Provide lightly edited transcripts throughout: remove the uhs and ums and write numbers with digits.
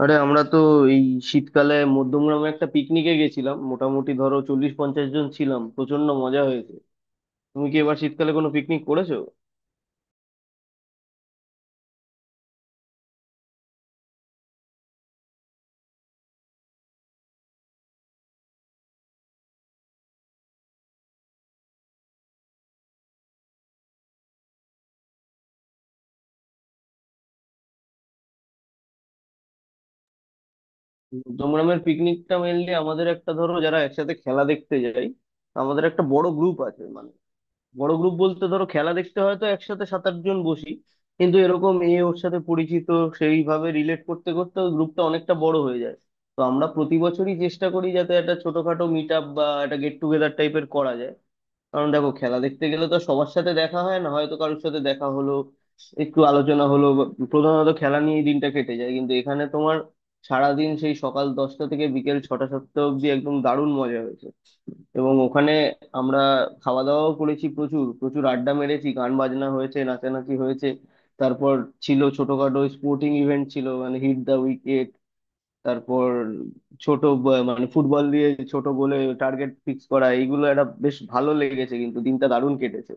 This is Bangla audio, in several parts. আরে আমরা তো এই শীতকালে মধ্যমগ্রামে একটা পিকনিকে গেছিলাম। মোটামুটি ধরো 40-50 জন ছিলাম, প্রচন্ড মজা হয়েছে। তুমি কি এবার শীতকালে কোনো পিকনিক করেছো? মধ্যমগ্রামের পিকনিকটা মেনলি আমাদের একটা, ধরো, যারা একসাথে খেলা দেখতে যাই। আমাদের একটা বড় গ্রুপ আছে, মানে বড় গ্রুপ বলতে ধরো খেলা দেখতে হয়তো একসাথে সাত আট জন বসি, কিন্তু এরকম এ ওর সাথে পরিচিত, সেইভাবে রিলেট করতে করতে ওই গ্রুপটা অনেকটা বড় হয়ে যায়। তো আমরা প্রতি বছরই চেষ্টা করি যাতে একটা ছোটখাটো মিট আপ বা একটা গেট টুগেদার টাইপের করা যায়। কারণ দেখো, খেলা দেখতে গেলে তো সবার সাথে দেখা হয় না, হয়তো কারোর সাথে দেখা হলো, একটু আলোচনা হলো, প্রধানত খেলা নিয়েই দিনটা কেটে যায়। কিন্তু এখানে তোমার সারাদিন, সেই সকাল 10টা থেকে বিকেল 6-7টা অব্দি, একদম দারুণ মজা হয়েছে। এবং ওখানে আমরা খাওয়া দাওয়াও করেছি, প্রচুর প্রচুর আড্ডা মেরেছি, গান বাজনা হয়েছে, নাচানাচি হয়েছে। তারপর ছিল ছোটখাটো স্পোর্টিং ইভেন্ট, ছিল মানে হিট দা উইকেট। তারপর মানে ফুটবল দিয়ে ছোট গোলে টার্গেট ফিক্স করা, এইগুলো একটা বেশ ভালো লেগেছে, কিন্তু দিনটা দারুণ কেটেছে।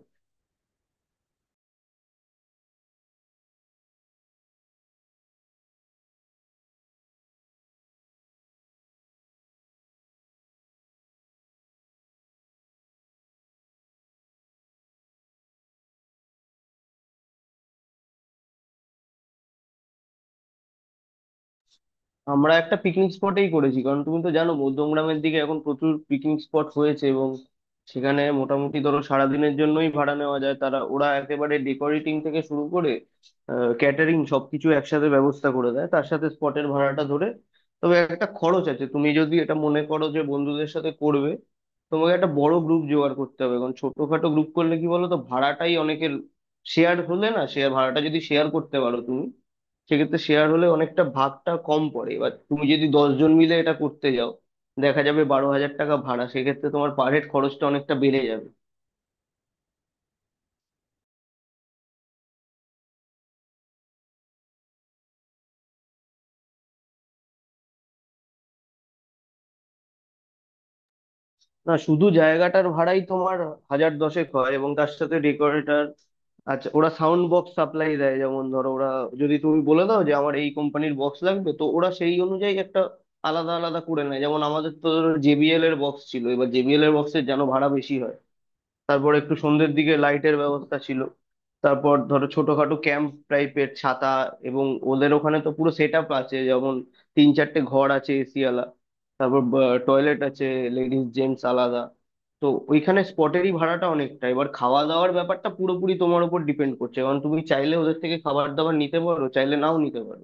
আমরা একটা পিকনিক স্পটেই করেছি, কারণ তুমি তো জানো মধ্যমগ্রামের দিকে এখন প্রচুর পিকনিক স্পট হয়েছে, এবং সেখানে মোটামুটি ধরো সারাদিনের জন্যই ভাড়া নেওয়া যায়। তারা, ওরা একেবারে ডেকোরেটিং থেকে শুরু করে ক্যাটারিং সবকিছু একসাথে ব্যবস্থা করে দেয়, তার সাথে স্পটের ভাড়াটা ধরে। তবে একটা খরচ আছে। তুমি যদি এটা মনে করো যে বন্ধুদের সাথে করবে, তোমাকে একটা বড় গ্রুপ জোগাড় করতে হবে, কারণ ছোটখাটো গ্রুপ করলে কি বলো তো, ভাড়াটাই অনেকের শেয়ার হলে, না, শেয়ার ভাড়াটা যদি শেয়ার করতে পারো তুমি সেক্ষেত্রে, শেয়ার হলে অনেকটা ভাগটা কম পড়ে। এবার তুমি যদি 10 জন মিলে এটা করতে যাও, দেখা যাবে 12,000 টাকা ভাড়া, সেক্ষেত্রে তোমার পার হেড খরচটা অনেকটা বেড়ে যাবে। না, শুধু জায়গাটার ভাড়াই তোমার হাজার দশেক হয়, এবং তার সাথে ডেকোরেটর। আচ্ছা, ওরা সাউন্ড বক্স সাপ্লাই দেয়। যেমন ধরো, ওরা, যদি তুমি বলে দাও যে আমার এই কোম্পানির বক্স লাগবে, তো ওরা সেই অনুযায়ী একটা আলাদা আলাদা করে নেয়। যেমন আমাদের তো জেবিএল এর বক্স ছিল, এবার জেবিএল এর বক্সের যেন ভাড়া বেশি হয়। তারপর একটু সন্ধ্যের দিকে লাইটের ব্যবস্থা ছিল। তারপর ধরো ছোটখাটো ক্যাম্প টাইপের ছাতা। এবং ওদের ওখানে তো পুরো সেট আপ আছে, যেমন তিন চারটে ঘর আছে এসিওয়ালা, তারপর টয়লেট আছে, লেডিস জেন্টস আলাদা। তো ওইখানে স্পটেরই ভাড়াটা অনেকটা। এবার খাওয়া দাওয়ার ব্যাপারটা পুরোপুরি তোমার উপর ডিপেন্ড করছে, কারণ তুমি চাইলে ওদের থেকে খাবার দাবার নিতে পারো, চাইলে নাও নিতে পারো।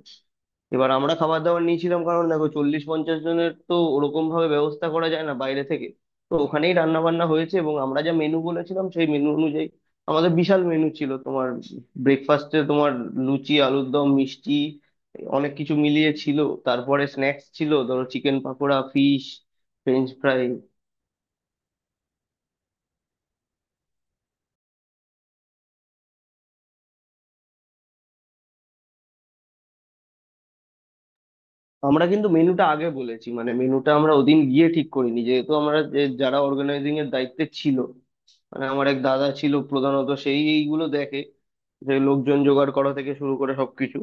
এবার আমরা খাবার দাবার নিয়েছিলাম, কারণ দেখো 40-50 জনের তো ওরকম ভাবে ব্যবস্থা করা যায় না বাইরে থেকে। তো ওখানেই রান্না বান্না হয়েছে, এবং আমরা যা মেনু বলেছিলাম সেই মেনু অনুযায়ী। আমাদের বিশাল মেনু ছিল। তোমার ব্রেকফাস্টে তোমার লুচি, আলুর দম, মিষ্টি, অনেক কিছু মিলিয়ে ছিল। তারপরে স্ন্যাক্স ছিল, ধরো chicken pakora, fish french fry. আমরা কিন্তু মেনুটা আগে বলেছি, মানে মেনুটা আমরা ওদিন গিয়ে ঠিক করিনি। যেহেতু আমরা, যে, যারা অর্গানাইজিং এর দায়িত্বে ছিল, মানে আমার এক দাদা ছিল, প্রধানত সেই এইগুলো দেখে, যে লোকজন জোগাড় করা থেকে শুরু করে সবকিছু।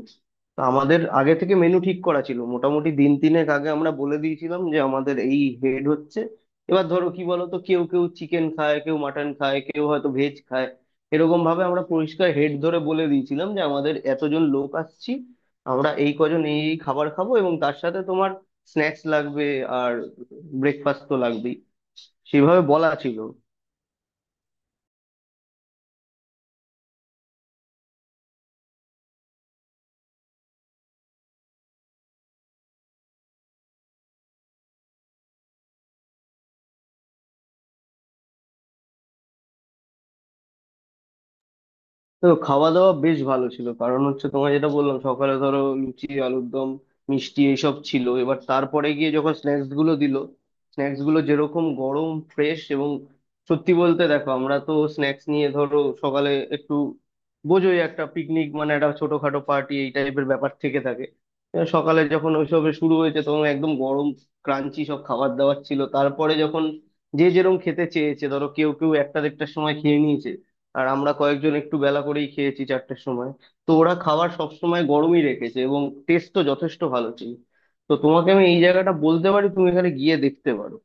তো আমাদের আগে থেকে মেনু ঠিক করা ছিল। মোটামুটি দিন তিনেক আগে আমরা বলে দিয়েছিলাম যে আমাদের এই হেড হচ্ছে। এবার ধরো কি বলতো, কেউ কেউ চিকেন খায়, কেউ মাটন খায়, কেউ হয়তো ভেজ খায়। এরকম ভাবে আমরা পরিষ্কার হেড ধরে বলে দিয়েছিলাম যে আমাদের এতজন লোক আসছি, আমরা এই কজন এই এই খাবার খাবো, এবং তার সাথে তোমার স্ন্যাক্স লাগবে, আর ব্রেকফাস্ট তো লাগবেই। সেভাবে বলা ছিল। তো খাওয়া দাওয়া বেশ ভালো ছিল, কারণ হচ্ছে তোমার, যেটা বললাম, সকালে ধরো লুচি, আলুর দম, মিষ্টি এইসব ছিল। এবার তারপরে গিয়ে যখন স্ন্যাক্স গুলো দিল, স্ন্যাক্স গুলো যেরকম গরম, ফ্রেশ, এবং সত্যি বলতে, দেখো আমরা তো স্ন্যাক্স নিয়ে ধরো সকালে একটু, বোঝোই, একটা পিকনিক মানে একটা ছোটখাটো পার্টি এই টাইপের ব্যাপার থেকে থাকে। এবার সকালে যখন ওইসব শুরু হয়েছে, তখন একদম গরম, ক্রাঞ্চি সব খাবার দাবার ছিল। তারপরে যখন যে যেরকম খেতে চেয়েছে, ধরো কেউ কেউ একটা দেড়টার সময় খেয়ে নিয়েছে, আর আমরা কয়েকজন একটু বেলা করেই খেয়েছি 4টের সময়। তো ওরা খাবার সব সময় গরমই রেখেছে, এবং টেস্টও যথেষ্ট ভালো ছিল। তো তোমাকে আমি এই জায়গাটা বলতে পারি, তুমি এখানে গিয়ে দেখতে পারো।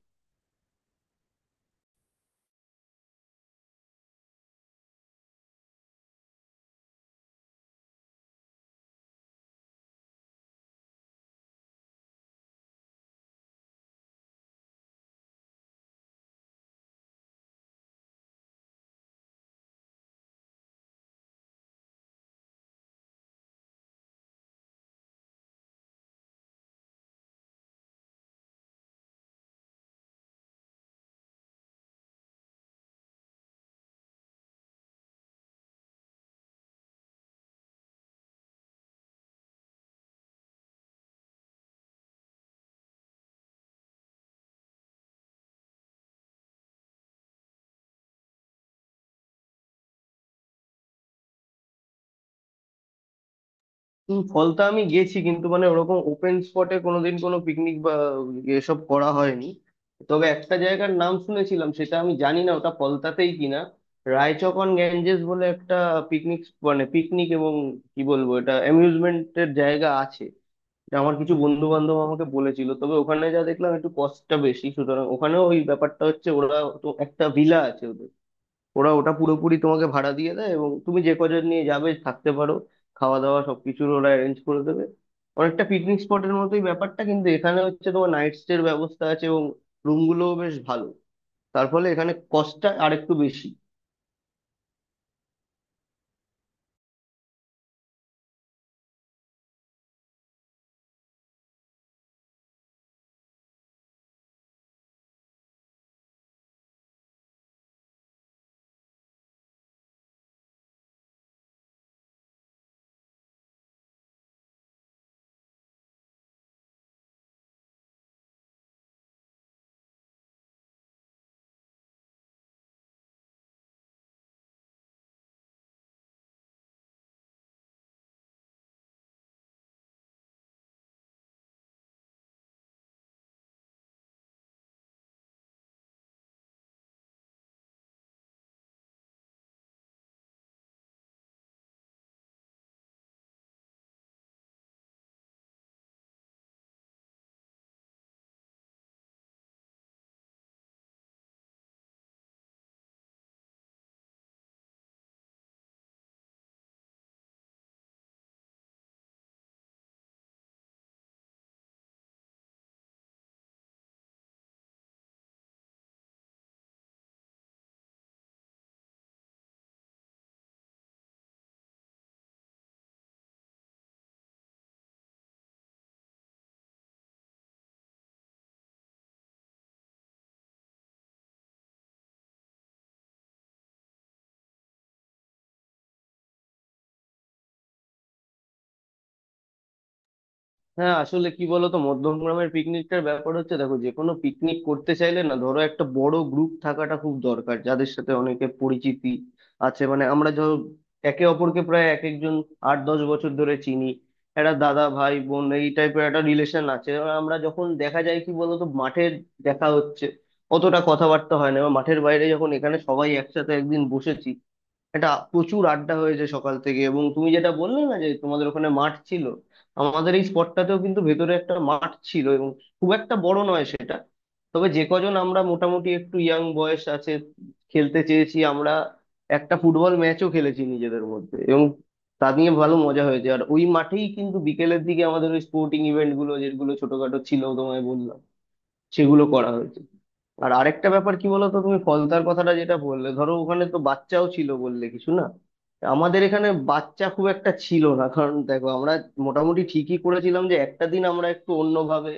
ফলতা আমি গেছি, কিন্তু মানে ওরকম ওপেন স্পটে কোনোদিন কোনো পিকনিক বা এসব করা হয়নি। তবে একটা জায়গার নাম শুনেছিলাম, সেটা আমি জানি না ওটা ফলতাতেই কিনা। রায়চক অন গ্যাঞ্জেস বলে একটা পিকনিক, মানে পিকনিক এবং, কি বলবো, এটা অ্যামিউজমেন্টের জায়গা আছে। আমার কিছু বন্ধু বান্ধব আমাকে বলেছিল, তবে ওখানে যা দেখলাম একটু কস্টটা বেশি। সুতরাং ওখানেও ওই ব্যাপারটা হচ্ছে, ওরা, তো একটা ভিলা আছে ওদের, ওরা ওটা পুরোপুরি তোমাকে ভাড়া দিয়ে দেয়, এবং তুমি যে কজন নিয়ে যাবে থাকতে পারো, খাওয়া দাওয়া সবকিছুর ওরা অ্যারেঞ্জ করে দেবে। অনেকটা পিকনিক স্পটের মতোই ব্যাপারটা, কিন্তু এখানে হচ্ছে তোমার নাইট স্টের ব্যবস্থা আছে, এবং রুমগুলোও বেশ ভালো, তার ফলে এখানে কস্টটা আরেকটু বেশি। হ্যাঁ, আসলে কি বলতো, মধ্যমগ্রামের পিকনিকটার ব্যাপার হচ্ছে, দেখো যে কোনো পিকনিক করতে চাইলে না, ধরো একটা বড় গ্রুপ থাকাটা খুব দরকার, যাদের সাথে অনেকে পরিচিতি আছে। মানে আমরা ধরো একে অপরকে প্রায়, এক একজন 8-10 বছর ধরে চিনি, একটা দাদা, ভাই, বোন, এই টাইপের একটা রিলেশন আছে। এবার আমরা যখন দেখা যায় কি বলতো, মাঠের দেখা হচ্ছে, অতটা কথাবার্তা হয় না। এবার মাঠের বাইরে যখন এখানে সবাই একসাথে একদিন বসেছি, এটা প্রচুর আড্ডা হয়েছে সকাল থেকে। এবং তুমি যেটা বললে না, যে তোমাদের ওখানে মাঠ ছিল, আমাদের এই স্পটটাতেও কিন্তু ভেতরে একটা মাঠ ছিল, এবং খুব একটা বড় নয় সেটা। তবে যে কজন আমরা মোটামুটি একটু ইয়াং বয়স আছে, খেলতে চেয়েছি আমরা, একটা ফুটবল ম্যাচও খেলেছি নিজেদের মধ্যে, এবং তা নিয়ে ভালো মজা হয়েছে। আর ওই মাঠেই কিন্তু বিকেলের দিকে আমাদের ওই স্পোর্টিং ইভেন্ট গুলো, যেগুলো ছোটখাটো ছিল তোমায় বললাম, সেগুলো করা হয়েছে। আর আরেকটা ব্যাপার কি বলতো, তুমি ফলতার কথাটা যেটা বললে, ধরো ওখানে তো বাচ্চাও ছিল বললে কিছু, না, আমাদের এখানে বাচ্চা খুব একটা ছিল না। কারণ দেখো, আমরা মোটামুটি ঠিকই করেছিলাম যে একটা দিন আমরা একটু অন্যভাবে,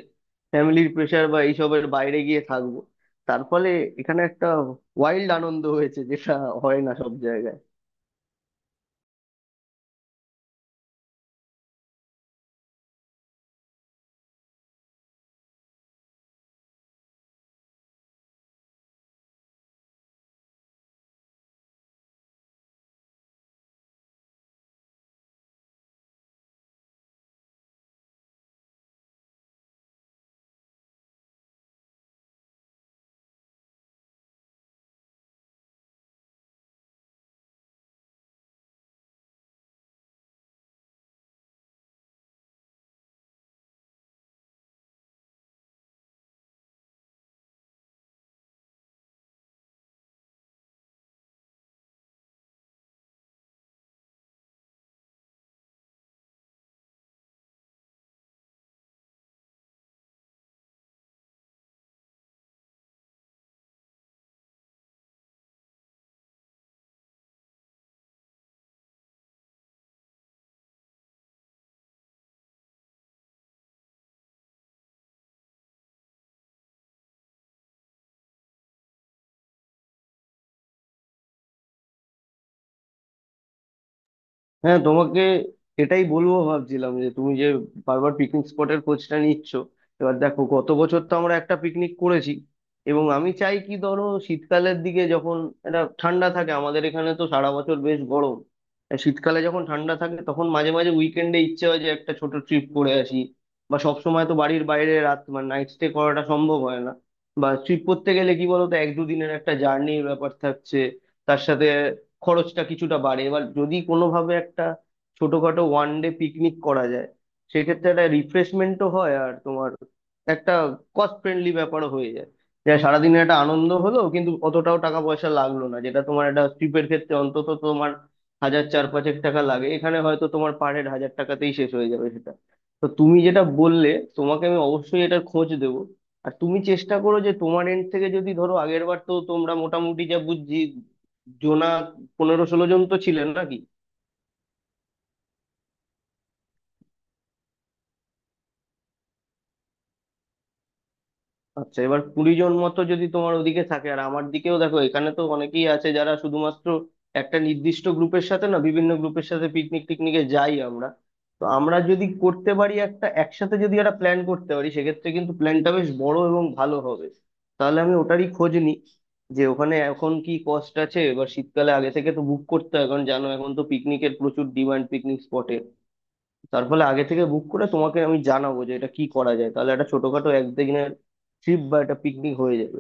ফ্যামিলির প্রেশার বা এইসবের বাইরে গিয়ে থাকবো। তার ফলে এখানে একটা ওয়াইল্ড আনন্দ হয়েছে, যেটা হয় না সব জায়গায়। হ্যাঁ, তোমাকে এটাই বলবো, ভাবছিলাম যে তুমি যে বারবার পিকনিক স্পটের খোঁজটা নিচ্ছ, এবার দেখো গত বছর তো আমরা একটা পিকনিক করেছি, এবং আমি চাই কি, ধরো শীতকালের দিকে যখন এটা ঠান্ডা থাকে, আমাদের এখানে তো সারা বছর বেশ গরম, আর শীতকালে যখন ঠান্ডা থাকে, তখন মাঝে মাঝে উইকেন্ডে ইচ্ছে হয় যে একটা ছোট ট্রিপ করে আসি। বা সব সময় তো বাড়ির বাইরে রাত, মানে নাইট স্টে করাটা সম্ভব হয় না, বা ট্রিপ করতে গেলে কি বলতো এক দুদিনের একটা জার্নির ব্যাপার থাকছে, তার সাথে খরচটা কিছুটা বাড়ে। এবার যদি কোনোভাবে একটা ছোটখাটো ওয়ান ডে পিকনিক করা যায়, সেক্ষেত্রে একটা রিফ্রেশমেন্টও হয়, আর তোমার একটা কস্ট ফ্রেন্ডলি ব্যাপারও হয়ে যায়। যে সারাদিনের একটা আনন্দ হলো, কিন্তু অতটাও টাকা পয়সা লাগলো না, যেটা তোমার একটা ট্রিপের ক্ষেত্রে অন্তত তোমার হাজার চার পাঁচেক টাকা লাগে, এখানে হয়তো তোমার পার হেড হাজার টাকাতেই শেষ হয়ে যাবে সেটা। তো তুমি যেটা বললে, তোমাকে আমি অবশ্যই এটার খোঁজ দেবো। আর তুমি চেষ্টা করো যে তোমার এন্ড থেকে, যদি ধরো আগের বার তো তোমরা মোটামুটি, যা বুঝছি, জোনা 15-16 জন তো ছিলেন নাকি? আচ্ছা, এবার 20 জন মতো যদি তোমার ওদিকে থাকে, আর আমার দিকেও দেখো এখানে তো অনেকেই আছে, যারা শুধুমাত্র একটা নির্দিষ্ট গ্রুপের সাথে না, বিভিন্ন গ্রুপের সাথে পিকনিক টিকনিকে যাই আমরা। তো আমরা যদি করতে পারি, একটা, একসাথে যদি একটা প্ল্যান করতে পারি, সেক্ষেত্রে কিন্তু প্ল্যানটা বেশ বড় এবং ভালো হবে। তাহলে আমি ওটারই খোঁজ নিই, যে ওখানে এখন কি কস্ট আছে। এবার শীতকালে আগে থেকে তো বুক করতে হয়, কারণ জানো এখন তো পিকনিকের প্রচুর ডিমান্ড পিকনিক স্পটে। তার ফলে আগে থেকে বুক করে তোমাকে আমি জানাবো যে এটা কি করা যায়, তাহলে একটা ছোটখাটো একদিনের ট্রিপ বা একটা পিকনিক হয়ে যাবে।